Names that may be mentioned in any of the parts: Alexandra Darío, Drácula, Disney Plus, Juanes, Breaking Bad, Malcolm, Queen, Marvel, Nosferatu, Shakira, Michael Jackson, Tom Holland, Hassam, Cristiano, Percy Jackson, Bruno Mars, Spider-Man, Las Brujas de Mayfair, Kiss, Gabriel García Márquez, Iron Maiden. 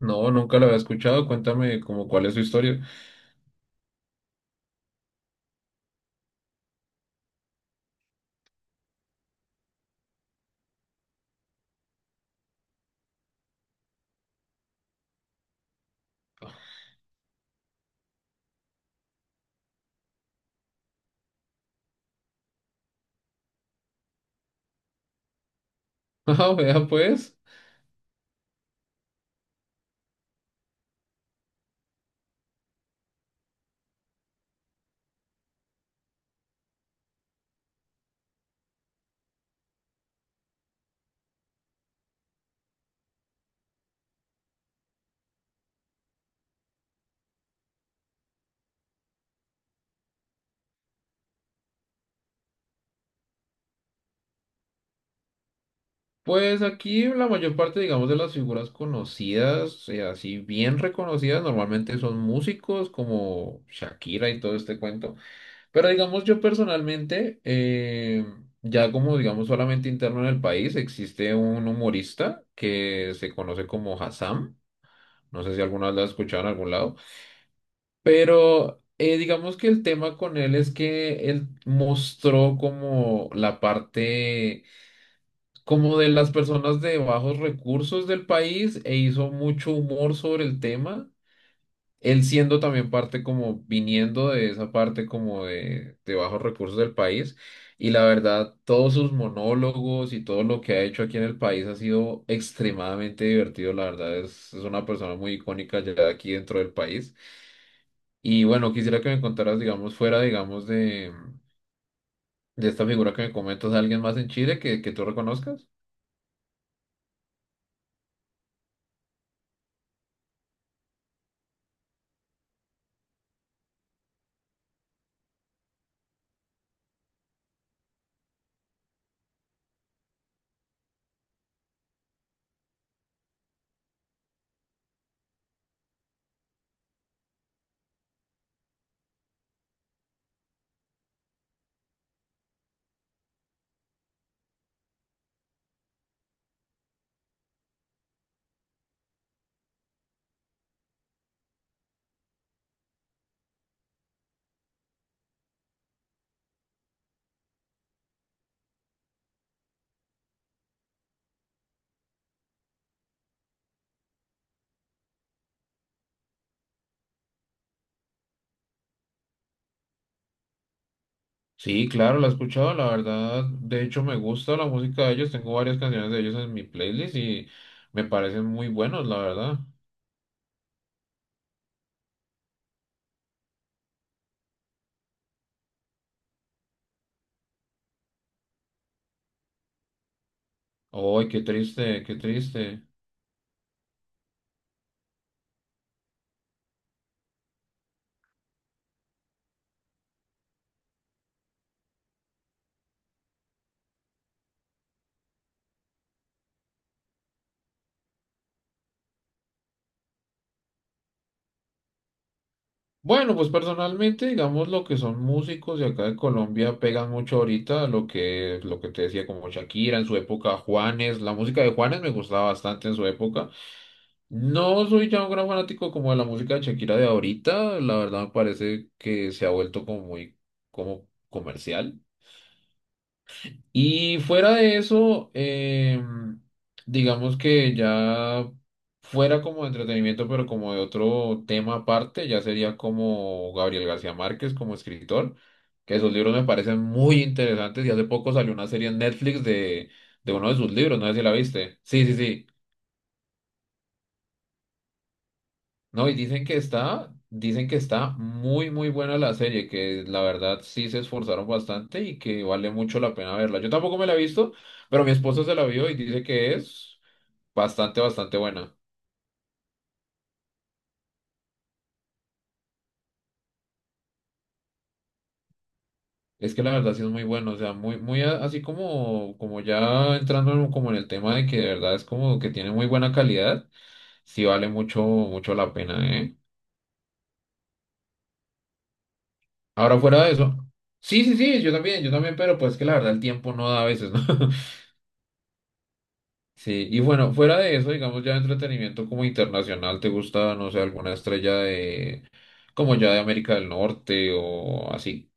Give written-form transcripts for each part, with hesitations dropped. No, nunca lo había escuchado. Cuéntame como cuál es su historia. Ah, vea pues. Pues aquí la mayor parte, digamos, de las figuras conocidas, así bien reconocidas, normalmente son músicos como Shakira y todo este cuento. Pero digamos, yo personalmente, ya como digamos solamente interno en el país, existe un humorista que se conoce como Hassam. No sé si alguna vez lo has escuchado en algún lado. Pero digamos que el tema con él es que él mostró como la parte como de las personas de bajos recursos del país e hizo mucho humor sobre el tema. Él siendo también parte como viniendo de esa parte como de bajos recursos del país. Y la verdad, todos sus monólogos y todo lo que ha hecho aquí en el país ha sido extremadamente divertido. La verdad, es una persona muy icónica ya aquí dentro del país. Y bueno, quisiera que me contaras, digamos, fuera, digamos, de esta figura que me comentas, alguien más en Chile que tú reconozcas. Sí, claro, la he escuchado, la verdad. De hecho, me gusta la música de ellos. Tengo varias canciones de ellos en mi playlist y me parecen muy buenos, la verdad. Ay, qué triste, qué triste. Bueno, pues personalmente, digamos, lo que son músicos de acá de Colombia pegan mucho ahorita, lo que te decía, como Shakira en su época, Juanes, la música de Juanes me gustaba bastante en su época. No soy ya un gran fanático como de la música de Shakira de ahorita, la verdad me parece que se ha vuelto como muy como comercial. Y fuera de eso, digamos que ya fuera como de entretenimiento, pero como de otro tema aparte, ya sería como Gabriel García Márquez como escritor, que sus libros me parecen muy interesantes y hace poco salió una serie en Netflix de uno de sus libros, no sé si la viste. Sí, sí, sí. No, y dicen que está muy, muy buena la serie, que la verdad sí se esforzaron bastante y que vale mucho la pena verla. Yo tampoco me la he visto, pero mi esposa se la vio y dice que es bastante, bastante buena. Es que la verdad sí es muy bueno, o sea, muy, muy así como, como ya como en el tema de que de verdad es como que tiene muy buena calidad, sí vale mucho, mucho la pena, ¿eh? Ahora fuera de eso. Sí, sí, sí, yo también, pero pues que la verdad el tiempo no da a veces, ¿no? Sí, y bueno, fuera de eso, digamos ya de entretenimiento como internacional, ¿te gusta, no sé, alguna estrella de, como ya de América del Norte o así?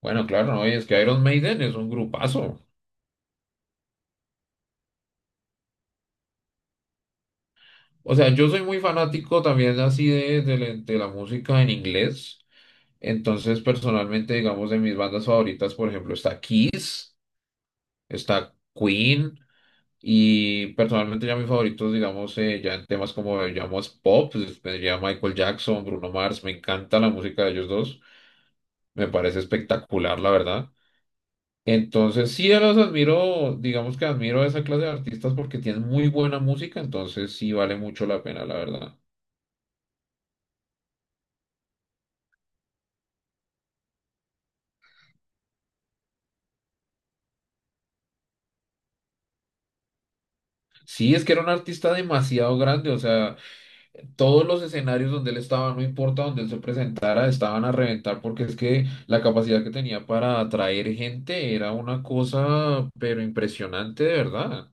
Bueno, claro, no, y es que Iron Maiden es un grupazo. O sea, yo soy muy fanático también así la de la música en inglés. Entonces, personalmente, digamos, de mis bandas favoritas, por ejemplo, está Kiss, está Queen. Y personalmente ya mis favoritos, digamos, ya en temas como llamamos pop, pues, tendría Michael Jackson, Bruno Mars, me encanta la música de ellos dos, me parece espectacular, la verdad. Entonces, sí, yo los admiro, digamos que admiro a esa clase de artistas porque tienen muy buena música, entonces sí vale mucho la pena, la verdad. Sí, es que era un artista demasiado grande, o sea, todos los escenarios donde él estaba, no importa donde él se presentara, estaban a reventar porque es que la capacidad que tenía para atraer gente era una cosa, pero impresionante de verdad.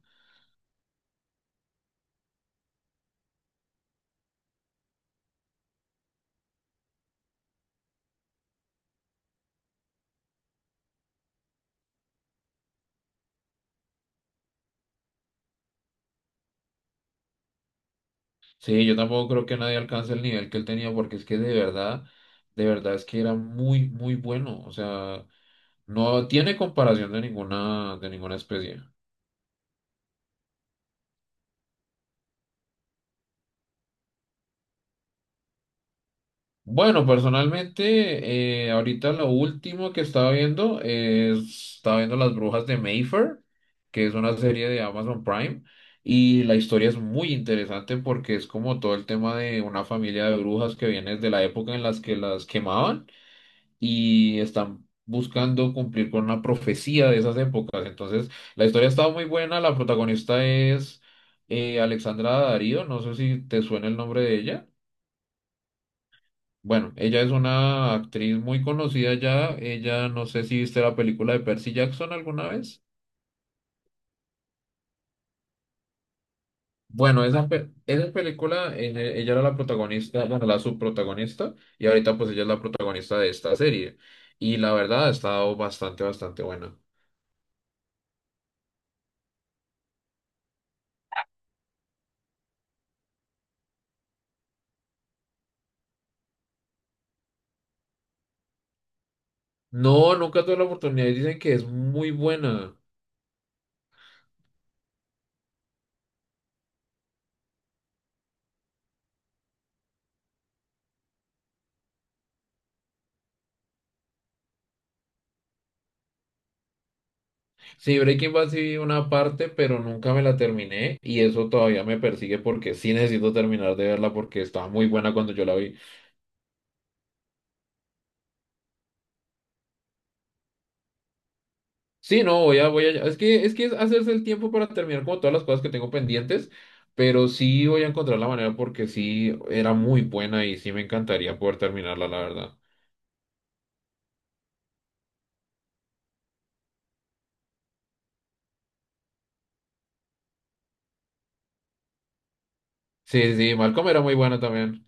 Sí, yo tampoco creo que nadie alcance el nivel que él tenía porque es que de verdad es que era muy, muy bueno. O sea, no tiene comparación de ninguna especie. Bueno, personalmente, ahorita lo último que estaba viendo estaba viendo Las Brujas de Mayfair, que es una serie de Amazon Prime, y la historia es muy interesante porque es como todo el tema de una familia de brujas que viene de la época en las que las quemaban y están buscando cumplir con una profecía de esas épocas. Entonces, la historia estaba muy buena, la protagonista es Alexandra Darío, no sé si te suena el nombre de ella. Bueno, ella es una actriz muy conocida ya. Ella, no sé si viste la película de Percy Jackson alguna vez. Bueno, esa película, ella era la protagonista, bueno, la subprotagonista, y ahorita pues ella es la protagonista de esta serie. Y la verdad ha estado bastante, bastante buena. No, nunca tuve la oportunidad y dicen que es muy buena. Sí, Breaking Bad sí vi una parte, pero nunca me la terminé y eso todavía me persigue porque sí necesito terminar de verla porque estaba muy buena cuando yo la vi. Sí, no, voy a, es que es hacerse el tiempo para terminar como todas las cosas que tengo pendientes, pero sí voy a encontrar la manera porque sí era muy buena y sí me encantaría poder terminarla, la verdad. Sí, sí, Malcolm era muy buena también.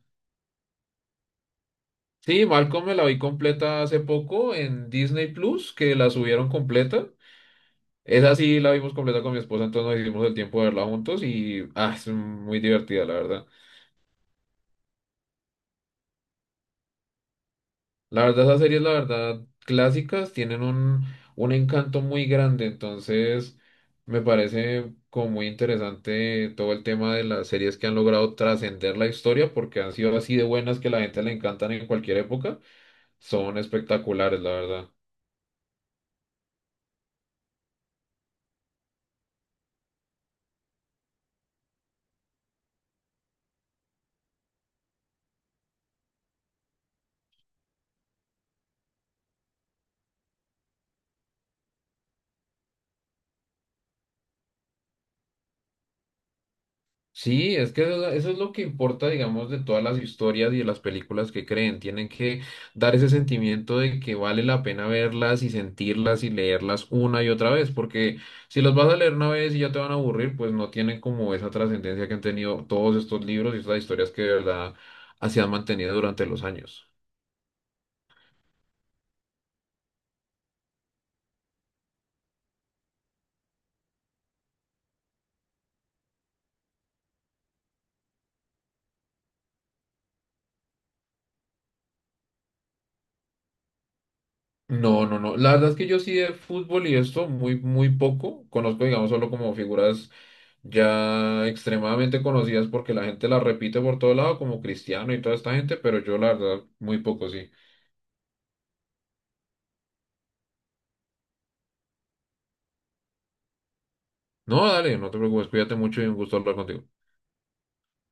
Sí, Malcolm me la vi completa hace poco en Disney Plus, que la subieron completa. Esa sí la vimos completa con mi esposa, entonces nos hicimos el tiempo de verla juntos y ah, es muy divertida, la verdad. La verdad, esas series, la verdad, clásicas tienen un encanto muy grande, entonces me parece como muy interesante todo el tema de las series que han logrado trascender la historia porque han sido así de buenas que la gente le encantan en cualquier época, son espectaculares, la verdad. Sí, es que eso es lo que importa, digamos, de todas las historias y de las películas que creen. Tienen que dar ese sentimiento de que vale la pena verlas y sentirlas y leerlas una y otra vez, porque si las vas a leer una vez y ya te van a aburrir, pues no tienen como esa trascendencia que han tenido todos estos libros y estas historias que de verdad así han mantenido durante los años. No, no, no. La verdad es que yo sí de fútbol y esto muy, muy poco. Conozco, digamos, solo como figuras ya extremadamente conocidas porque la gente las repite por todo lado, como Cristiano y toda esta gente, pero yo la verdad muy poco sí. No, dale, no te preocupes, cuídate mucho y un gusto hablar contigo.